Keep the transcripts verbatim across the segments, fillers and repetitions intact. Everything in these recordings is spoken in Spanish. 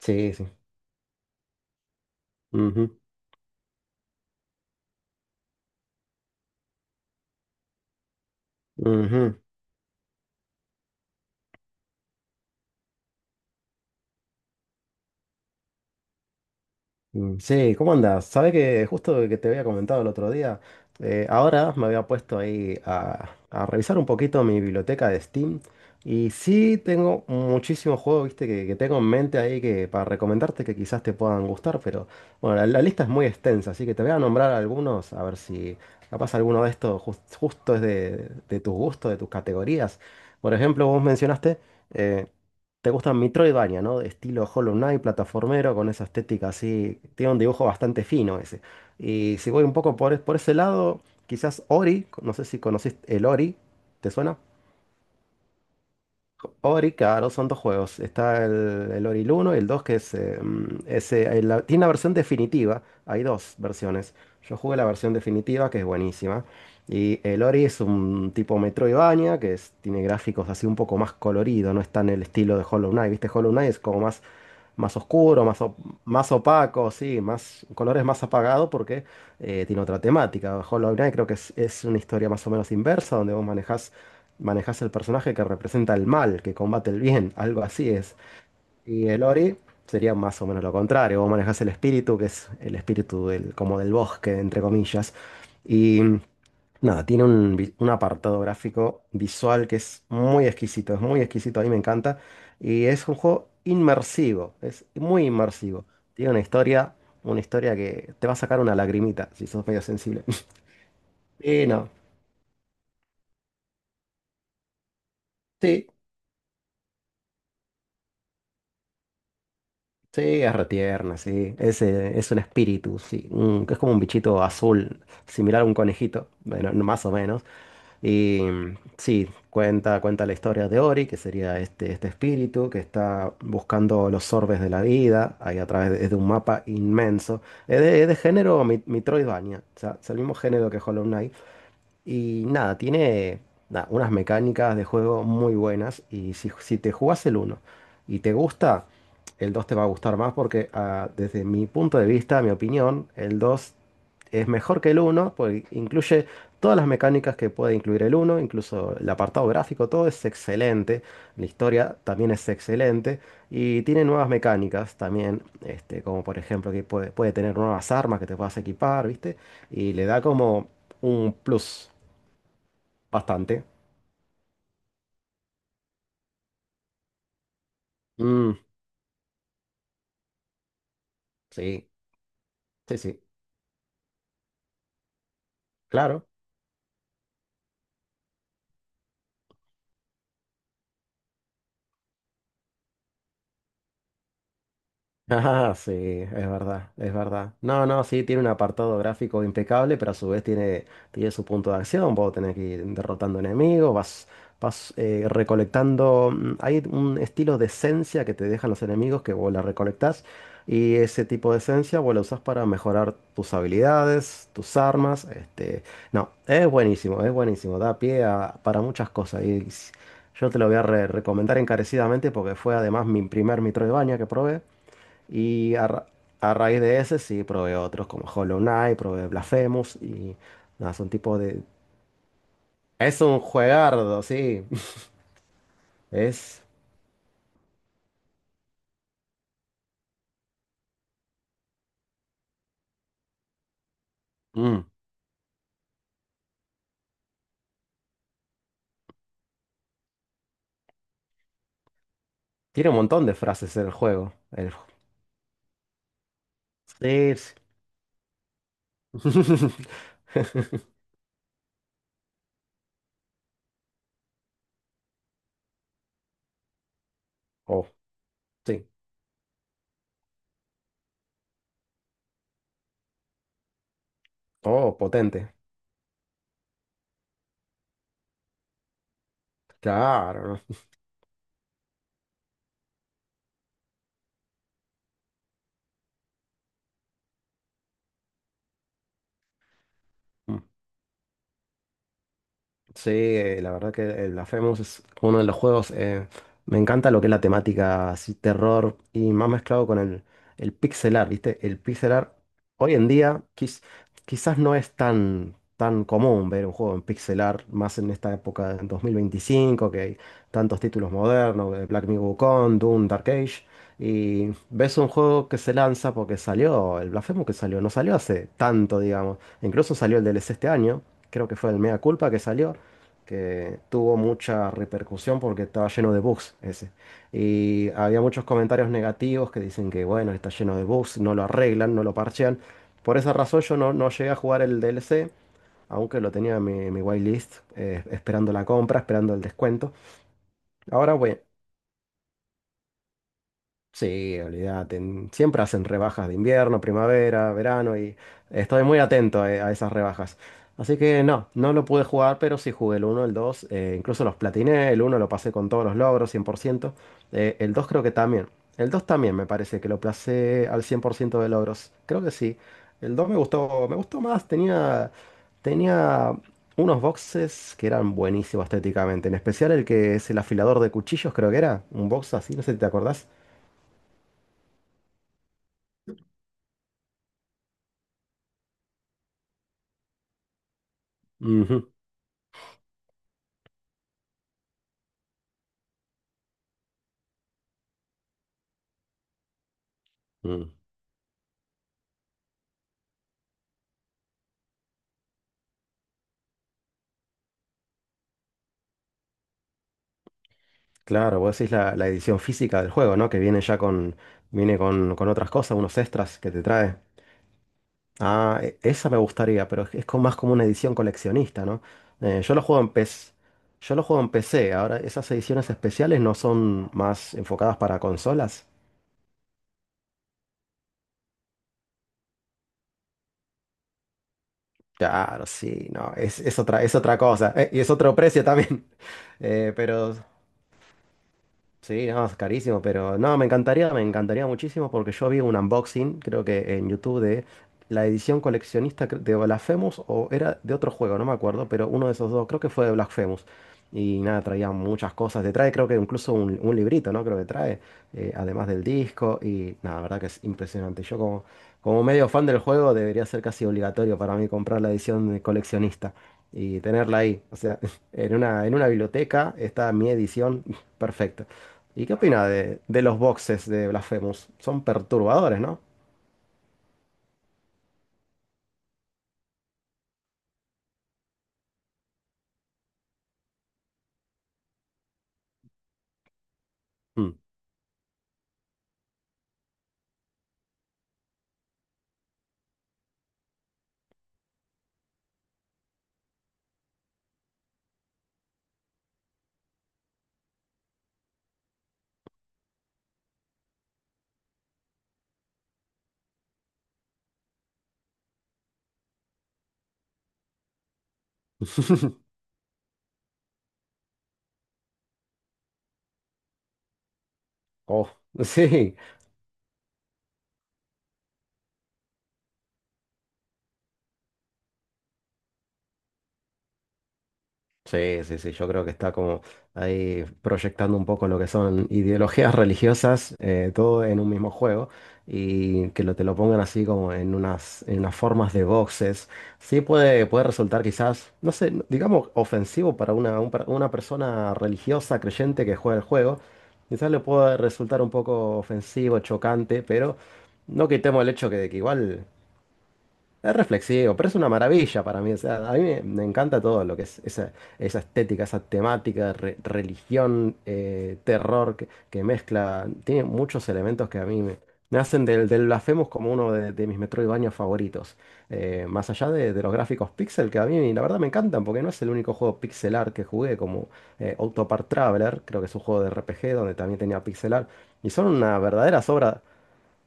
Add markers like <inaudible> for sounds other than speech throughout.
Sí, sí. Ujú, ujú. Mm, Sí, ¿cómo andas? Sabes que justo que te había comentado el otro día, eh, ahora me había puesto ahí a, a revisar un poquito mi biblioteca de Steam y sí tengo muchísimos juegos, viste, que, que tengo en mente ahí que para recomendarte que quizás te puedan gustar, pero bueno, la, la lista es muy extensa, así que te voy a nombrar algunos, a ver si capaz alguno de estos jus- justo es de, de tus gustos, de tus categorías. Por ejemplo, vos mencionaste... eh, Te gustan Metroidvania, ¿no? De estilo Hollow Knight, plataformero, con esa estética así. Tiene un dibujo bastante fino ese. Y si voy un poco por, e, por ese lado, quizás Ori, no sé si conociste el Ori, ¿te suena? Ori, claro, son dos juegos. Está el, el Ori uno y el dos que es, eh, mm, es, eh, la- tiene una versión definitiva. Hay dos versiones. Yo jugué la versión definitiva, que es buenísima. Y el Ori es un tipo Metroidvania, que es- tiene gráficos así un poco más colorido, no está en el estilo de Hollow Knight. ¿Viste? Hollow Knight es como más, más oscuro, más, op- más opaco, sí, más colores más apagados porque eh, tiene otra temática. Hollow Knight creo que es, es una historia más o menos inversa, donde vos manejás manejas el personaje que representa el mal, que combate el bien, algo así es. Y el Ori sería más o menos lo contrario, vos manejas el espíritu, que es el espíritu del, como del bosque, entre comillas. Y nada, tiene un, vi- un apartado gráfico visual que es muy exquisito, es muy exquisito, a mí me encanta. Y es un juego inmersivo, es muy inmersivo. Tiene una historia, una historia que te va a sacar una lagrimita si sos medio sensible. <laughs> Y no. Sí, sí, es retierna, sí. Es, eh, es un espíritu, sí. Mm, que es como un bichito azul, similar a un conejito, bueno, no, más o menos. Y mm, sí, cuenta, cuenta la historia de Ori, que sería este, este espíritu que está buscando los orbes de la vida, ahí a través de, de un mapa inmenso. Es de, es de género mi- Metroidvania, o sea, es el mismo género que Hollow Knight, y nada, tiene nada, unas mecánicas de juego muy buenas. Y si, si te jugás el uno y te gusta, el dos te va a gustar más porque ah, desde mi punto de vista, mi opinión, el dos es mejor que el uno porque incluye todas las mecánicas que puede incluir el uno incluso el apartado gráfico, todo es excelente. La historia también es excelente. Y tiene nuevas mecánicas también, este, como por ejemplo que puede, puede tener nuevas armas que te puedas equipar, ¿viste? Y le da como un plus. Bastante. Mm, sí, sí, sí. Claro. Ah, sí, es verdad, es verdad. No, no, sí, tiene un apartado gráfico impecable, pero a su vez tiene, tiene su punto de acción. Vos tenés que ir derrotando enemigos, vas, vas eh, recolectando. Mm, hay un estilo de esencia que te dejan los enemigos que vos la recolectás. Y ese tipo de esencia vos la usás para mejorar tus habilidades, tus armas. Este, no, es buenísimo, es buenísimo. Da pie a- para muchas cosas. Y s- yo te lo voy a re- recomendar encarecidamente porque fue además mi primer Metroidvania que probé. Y a, ra- a raíz de ese sí probé otros como Hollow Knight, probé Blasphemous y nada, son tipo de... Es un juegardo, sí. <laughs> Es... Mm, tiene un montón de frases en el juego. El... Sí. Sí. <laughs> Oh, sí. Oh, potente. Claro. ¿No? Mm. Sí, eh, la verdad que el Blasphemous es uno de los juegos. Eh, me encanta lo que es la temática así, terror y más mezclado con el, el pixel art, ¿viste? El pixel art hoy en día quiz- Quizás no es tan, tan común ver un juego en pixel art, más en esta época en dos mil veinticinco que hay tantos títulos modernos, eh, Black Myth Wukong, Doom, Dark Age. Y ves un juego que se lanza porque salió, el Blasphemous que salió, no salió hace tanto, digamos. Incluso salió el D L C este año, creo que fue el Mea Culpa que salió que tuvo mucha repercusión porque estaba lleno de bugs ese. Y había muchos comentarios negativos que dicen que, bueno, está lleno de bugs, no lo arreglan, no lo parchean. Por esa razón yo no, no llegué a jugar el D L C, aunque lo tenía en mi, en mi whitelist, eh, esperando la compra, esperando el descuento. Ahora, voy Sí, olvídate. en- Siempre hacen rebajas de invierno, primavera, verano y estoy muy atento a, a esas rebajas. Así que no, no lo pude jugar, pero sí jugué el uno, el dos, eh, incluso los platiné, el uno lo pasé con todos los logros, cien por ciento. Eh, el dos creo que también. El dos también me parece que lo pasé al cien por ciento de logros. Creo que sí. El dos me gustó, me gustó más, tenía, tenía unos boxes que eran buenísimos estéticamente, en especial el que es el afilador de cuchillos, creo que era, un box así, no sé si te acordás. Ujú, mm. Claro, vos decís la, la edición física del juego, ¿no? Que viene ya con, viene con, con otras cosas, unos extras que te trae. Ah, e- esa me gustaría, pero es es como- más como una edición coleccionista, ¿no? Eh, yo lo juego en P C, yo lo juego en P C. Ahora, esas ediciones especiales no son más enfocadas para consolas. Claro, sí, no, es, es otra, es otra cosa. Eh, y es otro precio también. <laughs> Eh, pero sí, no, es carísimo, pero no, me encantaría, me encantaría muchísimo porque yo vi un unboxing, creo que en YouTube, de la edición coleccionista cre- de Blasphemous o era de otro juego, no me acuerdo, pero uno de esos dos, creo que fue de Blasphemous. Y nada, traía muchas cosas. Te trae, creo que incluso un, un librito, ¿no? Creo que trae, eh, además del disco. Y nada, la verdad que es impresionante. Yo como, como medio fan del juego debería ser casi obligatorio para mí comprar la edición de coleccionista y tenerla ahí. O sea, <laughs> en una, en una biblioteca está mi edición <laughs> perfecta. ¿Y qué opina de, de los boxes de Blasphemous? Son perturbadores, ¿no? Mm. <laughs> Oh, sí. Sí, sí, sí, yo creo que está como ahí proyectando un poco lo que son ideologías religiosas, eh, todo en un mismo juego, y que lo, te lo pongan así como en unas, en unas formas de boxes. Sí puede, puede resultar quizás, no sé, no- digamos ofensivo para una, un per- una persona religiosa, creyente que juega el juego. Quizás le pueda resultar un poco ofensivo, chocante, pero no quitemos el hecho que, que igual... Es reflexivo, pero es una maravilla para mí. O sea, a mí me, me encanta todo lo que es esa, esa estética, esa temática, re- religión, eh, terror que, que mezcla. Tiene muchos elementos que a mí me, me hacen del, del Blasphemous como uno de, de mis Metroidvania favoritos. Eh, más allá de, de los gráficos pixel, que a mí la verdad me encantan, porque no es el único juego pixel art que jugué, como eh, Octopart Traveler, creo que es un juego de R P G donde también tenía pixel art. Y son una verdadera obra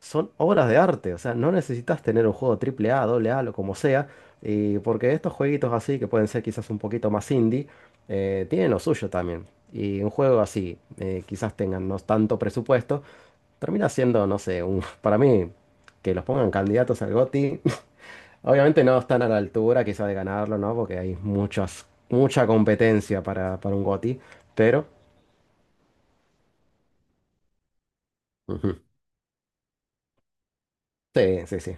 Son obras de arte, o sea, no necesitas tener un juego triple A, doble A, lo como sea, y porque estos jueguitos así, que pueden ser quizás un poquito más indie, eh, tienen lo suyo también. Y un juego así, eh, quizás tengan no tanto presupuesto, termina siendo, no sé, un, <laughs> para mí, que los pongan candidatos al G O T Y, <laughs> obviamente no están a la altura quizás de ganarlo, ¿no? Porque hay muchas, mucha competencia para, para un G O T Y, pero... Ujú, sí, sí, sí.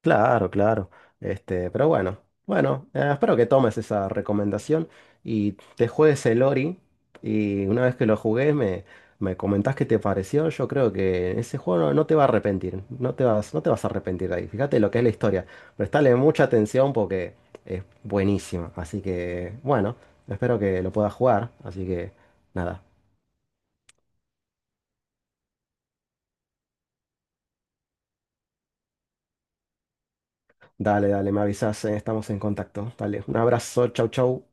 Claro, claro. Este, pero bueno, bueno, eh, espero que tomes esa recomendación y te juegues el Ori. Y una vez que lo jugué, me, me comentás qué te pareció. Yo creo que ese juego no, no te va a arrepentir. No te vas, no te vas a arrepentir de ahí. Fíjate lo que es la historia. Prestale mucha atención porque es buenísima. Así que, bueno, espero que lo puedas jugar. Así que, nada. Dale, dale, me avisas, eh, estamos en contacto. Dale, un abrazo, chau, chau.